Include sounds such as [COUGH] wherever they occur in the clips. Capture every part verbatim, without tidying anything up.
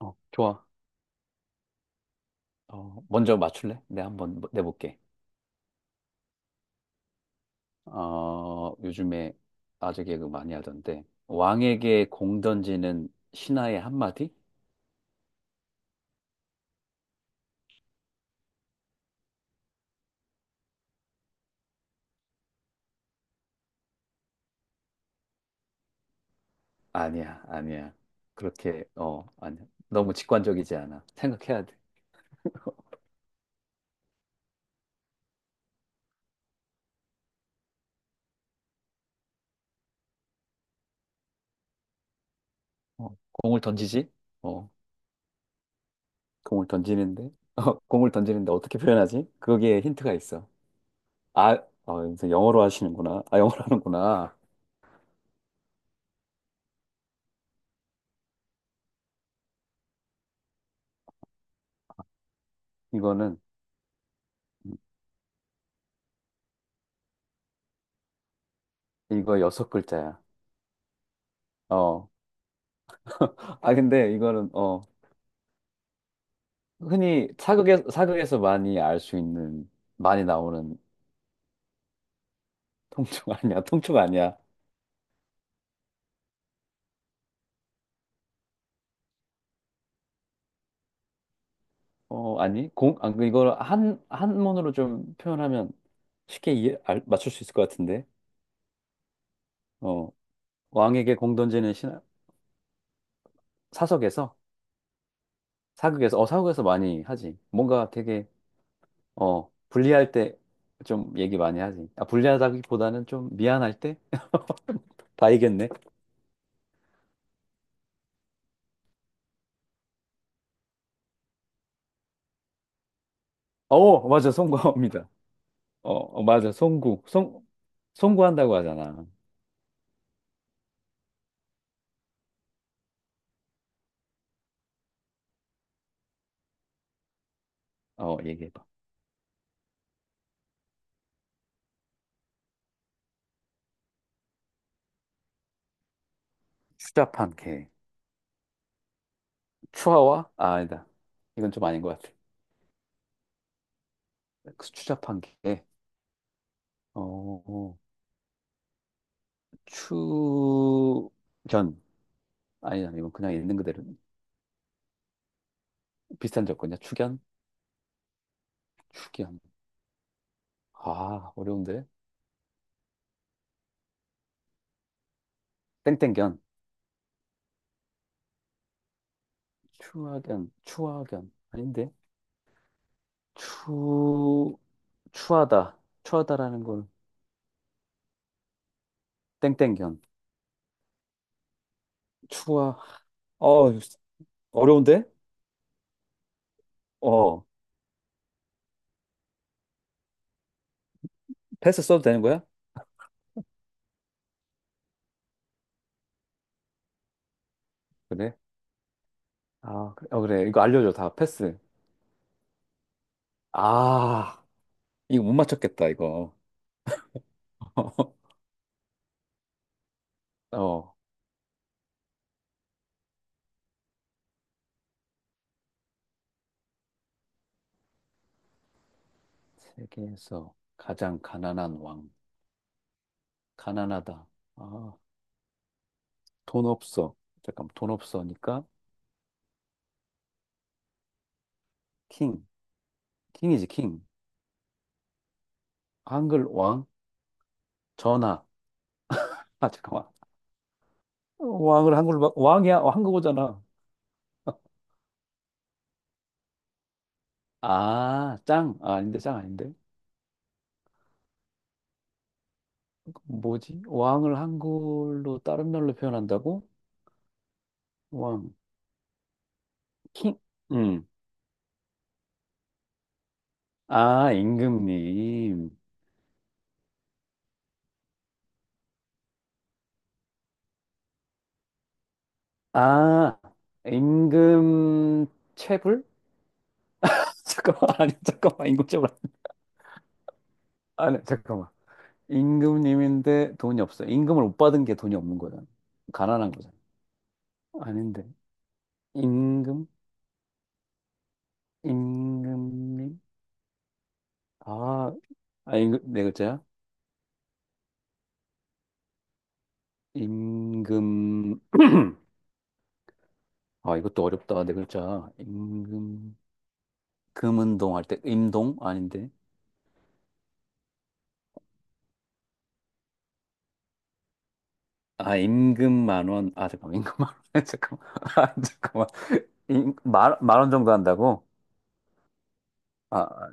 어, 좋아. 어, 먼저 맞출래? 내가 한번 뭐, 내볼게. 어, 요즘에 아재 개그 많이 하던데. 왕에게 공 던지는 신하의 한마디? 아니야, 아니야. 그렇게, 어, 아니야. 너무 직관적이지 않아. 생각해야 돼. 어, 공을 던지지? 어, 공을 던지는데? [LAUGHS] 어, 공을 던지는데 어떻게 표현하지? 거기에 힌트가 있어. 아, 어, 무슨 영어로 하시는구나. 아, 영어로 하는구나. 이거는, 이거 여섯 글자야. 어. 아, 근데 이거는, 어. 흔히 사극에, 사극에서 많이 알 수 있는, 많이 나오는 통증 아니야? [LAUGHS] 통증 아니야? 어, 아니? 공, 아, 그 이걸 한, 한문으로 좀 표현하면 쉽게 이해, 알, 맞출 수 있을 것 같은데. 어, 왕에게 공 던지는 신, 사석에서, 사극에서, 어, 사극에서 많이 하지. 뭔가 되게, 어, 불리할 때 좀 얘기 많이 하지. 아, 불리하다기보다는 좀 미안할 때? [LAUGHS] 다 이겼네. 어, 맞아, 송구합니다. 어, 어, 맞아, 송구. 송, 송구한다고 하잖아. 어, 얘기해봐. 추잡한 개. 추하와? 아, 아니다. 이건 좀 아닌 것 같아. 그 추잡한 개. 어, 어, 추견. 아니다. 이건 그냥 있는 그대로. 비슷한 접근이야. 추견? 추견. 아, 어려운데? 땡땡견. 추하견. 추하견. 아닌데? 추, 추하다. 추하다라는 건 땡땡견. 추하. 어, 어려운데? 어, 패스 써도 되는 거야? 그래? 아, 그래. 어, 그래. 이거 알려줘. 다 패스. 아, 이거 못 맞췄겠다, 이거. [LAUGHS] 어, 세계에서 가장 가난한 왕. 가난하다. 아, 돈 없어. 잠깐, 돈 없어니까 킹. 킹이지, 킹. 한글 왕. 전하. [LAUGHS] 아, 잠깐만. 왕을 한글로, 바- 왕이야. 어, 한국어잖아. 아, 짱. 아, 아닌데, 짱 아닌데. 뭐지? 왕을 한글로 다른 말로 표현한다고? 왕. 킹. 음. 아, 임금님. 아, 임금 체불? [LAUGHS] 잠깐만, 아니, 잠깐만, 임금 체불. 아니, 잠깐만. 임금님인데 돈이 없어. 임금을 못 받은 게 돈이 없는 거잖아. 가난한 거잖아. 아닌데. 임금? 임금님? 아, 아, 임금, 네 글자야? 임금. 아, 이것도 어렵다. 네 글자. 임금. 금은동 할 때, 임동? 아닌데. 아, 임금 만 원. 아, 잠깐만, 임금 만 원. [LAUGHS] 잠깐만. 아, 잠깐만. 임, 만, 만원 정도 한다고? 아,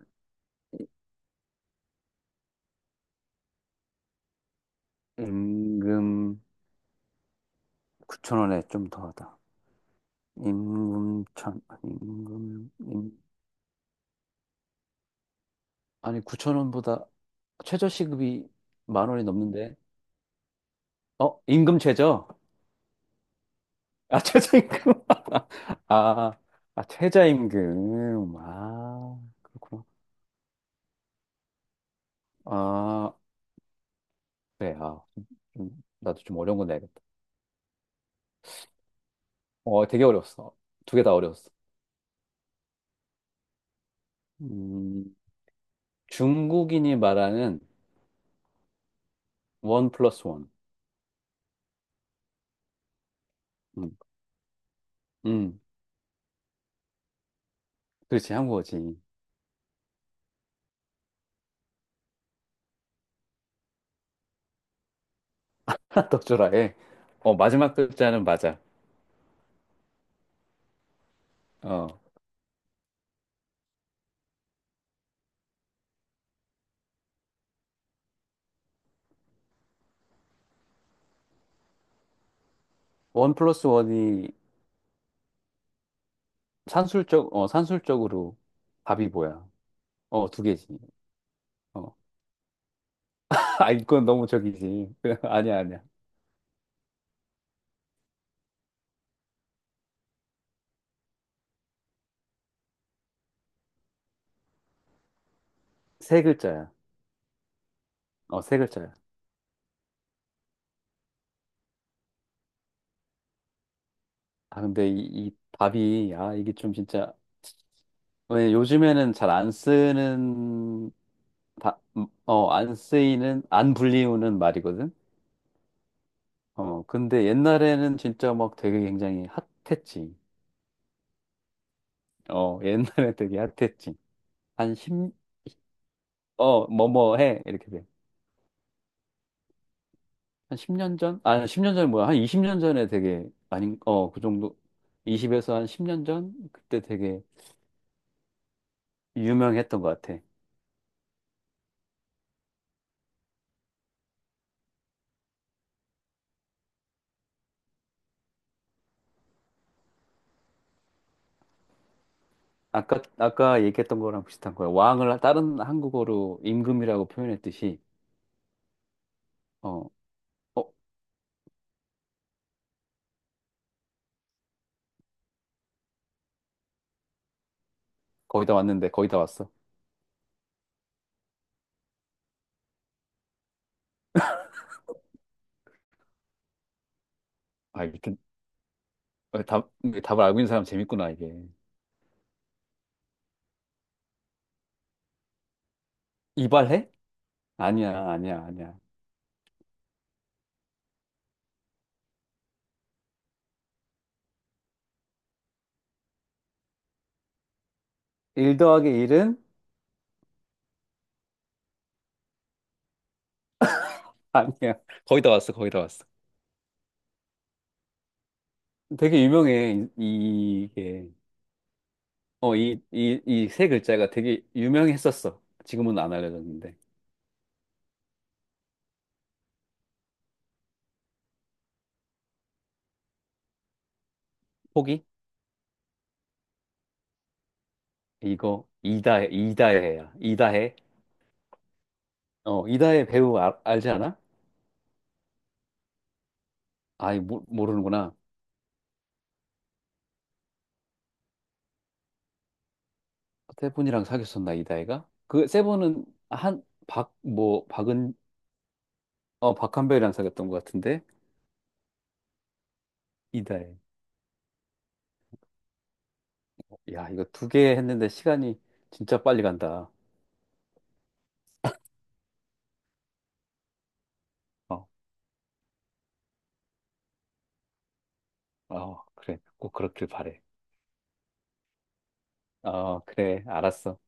임금 구천 원에 좀 더 하다. 임금 천, 임금, 임, 아니 구천 원보다 최저 시급이 만 원이 넘는데. 어, 임금 최저? 아, [LAUGHS] 최저임금. [LAUGHS] 아, 아, 최저임금. 아, 그렇구나. 아, 그래. 아, 좀, 좀- 나도 좀 어려운 거 내야겠다. 어, 되게 어려웠어. 두 개 다 어려웠어. 음, 중국인이 말하는 원 플러스 원. 음, 음. 그렇지, 한국어지. [LAUGHS] 떡주라에. 어, 마지막 글자는 맞아. 어, 원 플러스 원이 산술적, 어, 산술적으로 답이 뭐야? 어, 두 개지. 어, [LAUGHS] 아, 이건 너무 적이지. [LAUGHS] 아니야, 아니야. 세 글자야. 어, 세 글자야. 아, 근데 이, 이 답이, 아, 이게 좀 진짜, 왜 요즘에는 잘 안 쓰는, 다, 음, 어, 안 쓰이는, 안 불리우는 말이거든? 어, 근데 옛날에는 진짜 막 되게 굉장히 핫했지. 어, 옛날에 되게 핫했지. 한 십, 어, 뭐뭐 해. 이렇게 돼. 한 십 년 전? 아, 십 년 전이 뭐야. 한 이십 년 전에 되게, 아닌, 어, 그 정도. 이십에서 한 십 년 전? 그때 되게 유명했던 것 같아. 아까, 아까 얘기했던 거랑 비슷한 거야. 왕을 다른 한국어로 임금이라고 표현했듯이, 어, 어, 거의 다 왔는데, 거의 다 왔어. 아, 이렇게, 어, 답, 답을 알고 있는 사람 재밌구나, 이게. 이발해? 아니야, 아니야, 아니야. 일 더하기 일은? [LAUGHS] 아니야. 거의 다 왔어, 거의 다 왔어. 되게 유명해. 이- 이게 어, 이, 이, 이 세 글자가 되게 유명했었어. 지금은 안 알려졌는데. 포기? 이거 이다해, 이다해야. 이다해. 어, 이다해 배우 알, 알지 않아? 아이 모, 모르는구나. 세븐이랑 사귀었었나 이다해가? 그 세븐은 한 박 뭐 박은 어 박한별이랑 사귀었던 것 같은데 이다해. 야 이거 두 개 했는데 시간이 진짜 빨리 간다. 어, 어 그래 꼭 그렇길 바래. 어 그래 알았어.